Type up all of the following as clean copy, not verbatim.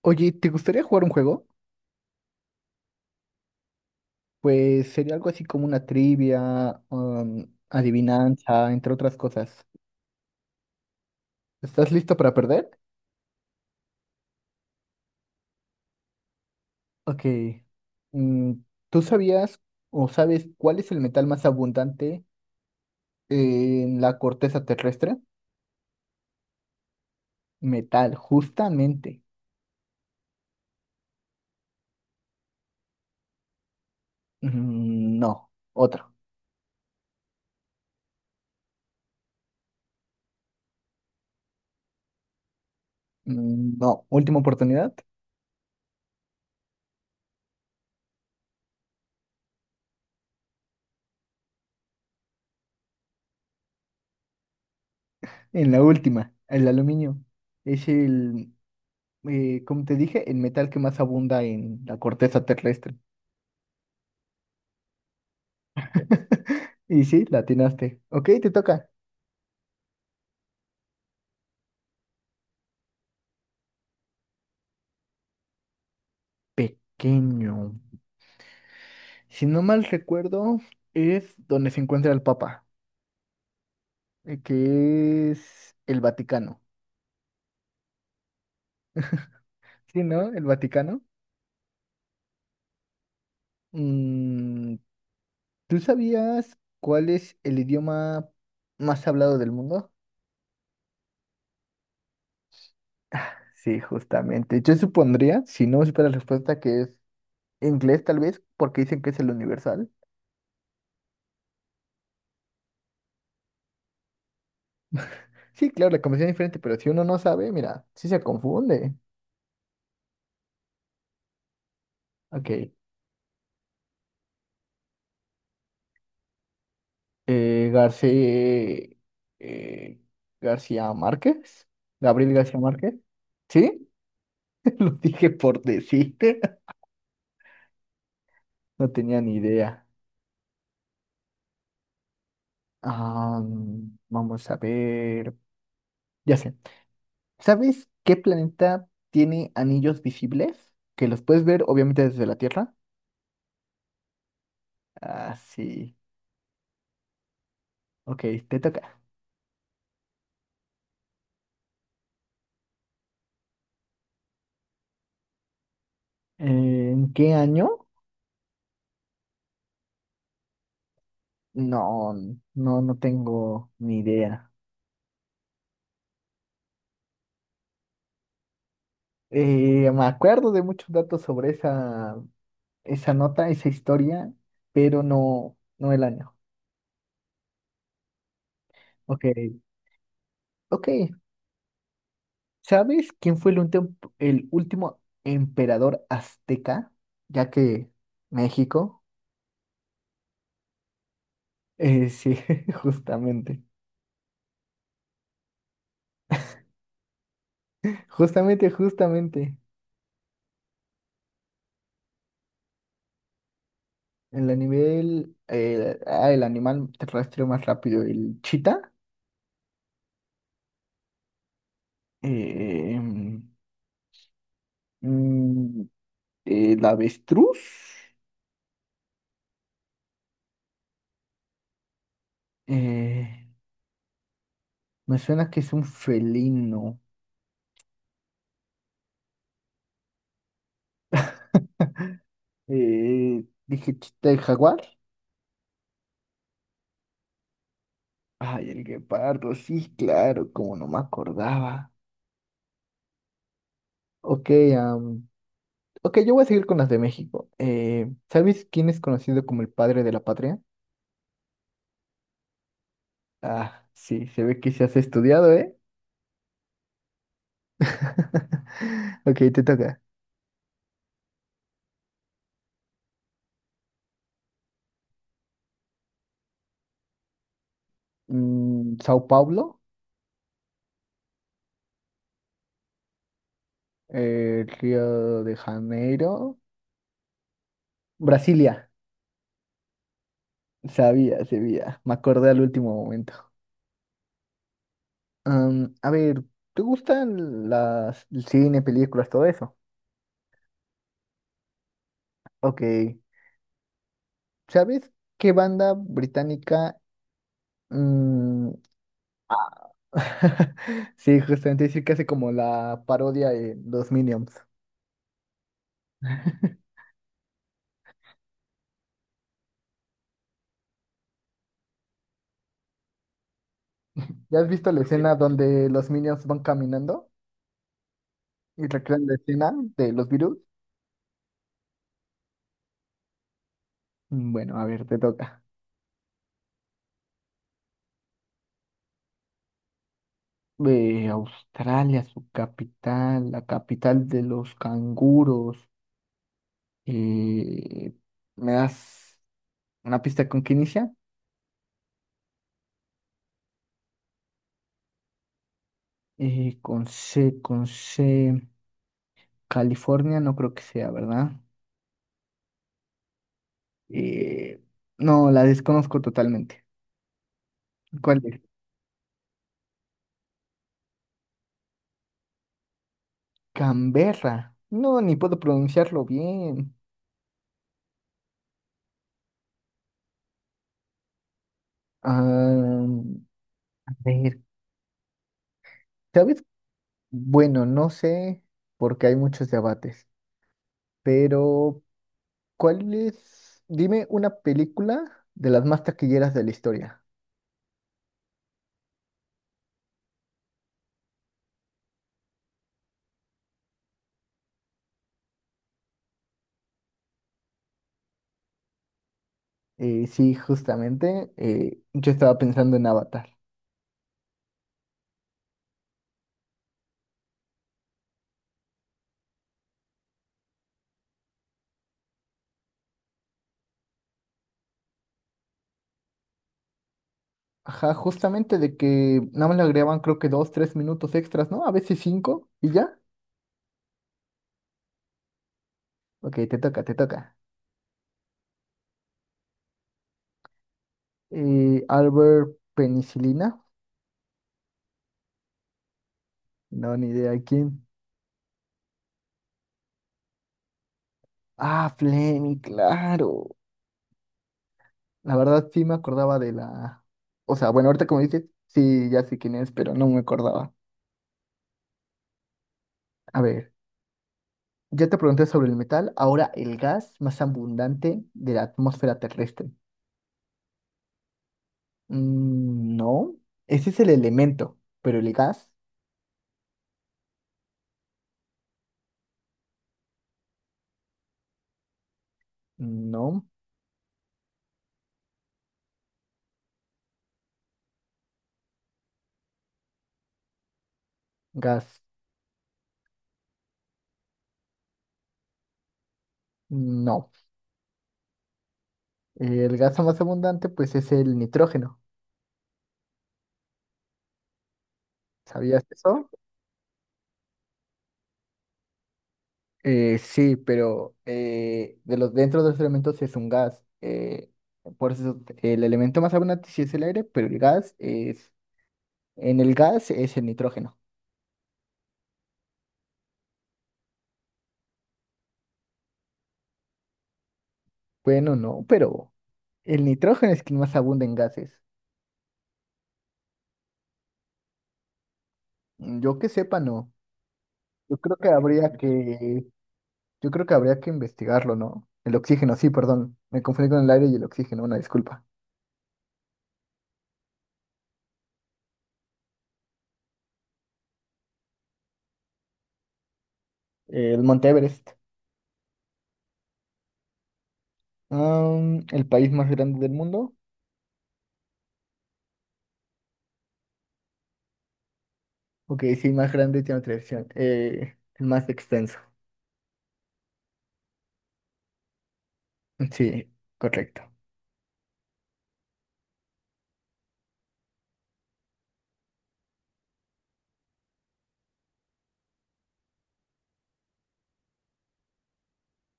Oye, ¿te gustaría jugar un juego? Pues sería algo así como una trivia, adivinanza, entre otras cosas. ¿Estás listo para perder? Ok. Mm, ¿tú sabías o sabes cuál es el metal más abundante en la corteza terrestre? Metal, justamente. Mm, no, otro. Mm, no, última oportunidad. En la última, el aluminio. Es el, como te dije, el metal que más abunda en la corteza terrestre. Y sí, la atinaste. Ok, te toca. Pequeño. Si no mal recuerdo, es donde se encuentra el Papa, que es el Vaticano. Sí, ¿no? El Vaticano. Mm, ¿tú sabías cuál es el idioma más hablado del mundo? Sí, justamente. Yo supondría, si no supiera la respuesta, que es inglés tal vez, porque dicen que es el universal. Sí, claro, la conversación es diferente, pero si uno no sabe, mira, sí se confunde. Ok. García, eh, García Márquez, Gabriel García Márquez, ¿sí? Lo dije por decirte, no tenía ni idea. Ah, vamos a ver, ya sé, ¿sabes qué planeta tiene anillos visibles? Que los puedes ver obviamente desde la Tierra. Ah, sí, ok, te toca. ¿En qué año? No, no, no tengo ni idea. Me acuerdo de muchos datos sobre esa nota, esa historia, pero no, no el año. Ok, ok. ¿Sabes quién fue el, el último emperador azteca? Ya que México. Sí, justamente. Justamente, justamente. El animal, el animal terrestre más rápido, el chita, eh, mm, el avestruz. eh, Me suena que es un felino. Dije chita de jaguar. Ay, el guepardo, sí, claro, como no me acordaba. Ok, am, ok, yo voy a seguir con las de México. ¿Sabes quién es conocido como el padre de la patria? Ah, sí, se ve que se has estudiado, ¿eh? Ok, te toca. Mm, Sao Paulo, Río de Janeiro, Brasilia. Sabía, sabía, me acordé al último momento. A ver, ¿te gustan las el cine, películas, todo eso? Ok. ¿Sabes qué banda británica? mm, Sí, justamente decir que hace como la parodia de los Minions. ¿Ya has visto la escena donde los Minions van caminando y recrean la escena de los virus? Bueno, a ver, te toca. De Australia, su capital, la capital de los canguros. eh, Me das. Una pista con qué inicia. Con C. California, no creo que sea, ¿verdad? Eh, no, la desconozco totalmente. ¿Cuál es? Canberra. No, ni puedo pronunciarlo bien. Ah, a ver, ¿sabes? Bueno, no sé, porque hay muchos debates, pero ¿cuál es? Dime una película de las más taquilleras de la historia. Sí, justamente, yo estaba pensando en Avatar. Ajá, justamente de que nada más le agregaban creo que dos, tres minutos extras, ¿no? A veces cinco y ya. Ok, te toca, te toca. Albert Penicilina. No, ni idea quién. Ah, Fleming, claro. La verdad sí me acordaba de la... O sea, bueno, ahorita como dices, sí, ya sé quién es, pero no me acordaba. A ver, ya te pregunté sobre el metal, ahora el gas más abundante de la atmósfera terrestre. Mm, no, ese es el elemento, pero el gas, no. Gas, no. El gas más abundante, pues, es el nitrógeno. ¿Sabías eso? Sí, pero de los, dentro de los elementos es un gas. Por eso el elemento más abundante sí es el aire, pero el gas es... En el gas es el nitrógeno. Bueno, no, pero el nitrógeno es quien más abunda en gases. Mm, yo que sepa, no. Yo creo que habría que... Yo creo que habría que investigarlo, ¿no? El oxígeno, sí, perdón. Me confundí con el aire y el oxígeno, una disculpa. El Monte Everest. El país más grande del mundo. Ok, sí, más grande tiene otra opción. El más extenso. Sí, correcto.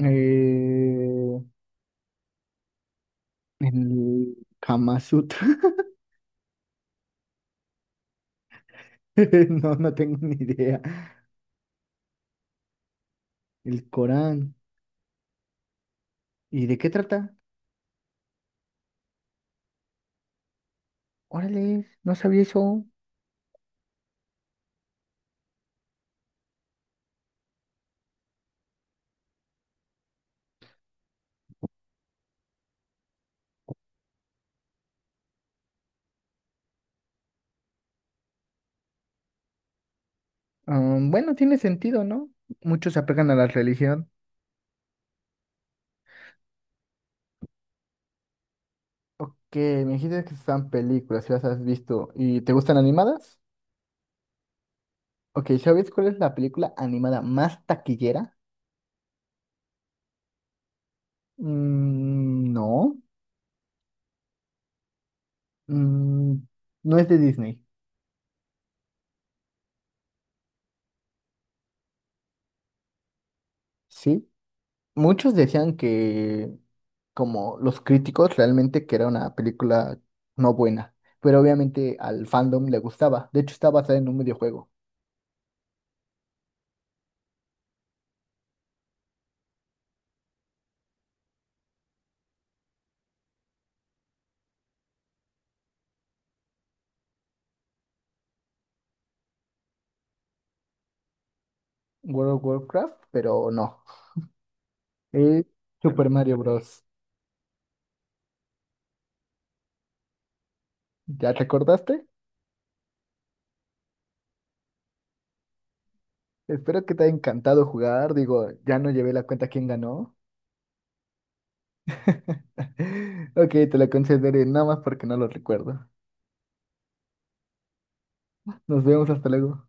Eh, el Kama Sutra. No, no tengo ni idea. El Corán. ¿Y de qué trata? Órale, no sabía eso. Bueno, tiene sentido, ¿no? Muchos se apegan a la religión. Ok, me dijiste que están películas, si las has visto. ¿Y te gustan animadas? Ok, ¿sabes cuál es la película animada más taquillera? Mm, no, mm, no es de Disney, ¿sí? Muchos decían que, como los críticos, realmente que era una película no buena, pero obviamente al fandom le gustaba. De hecho, está basada en un videojuego, World of Warcraft, pero no. Es Super Mario Bros. ¿Ya te acordaste? Espero que te haya encantado jugar. Digo, ya no llevé la cuenta quién ganó. Ok, te la concederé nada más porque no lo recuerdo. Nos vemos hasta luego.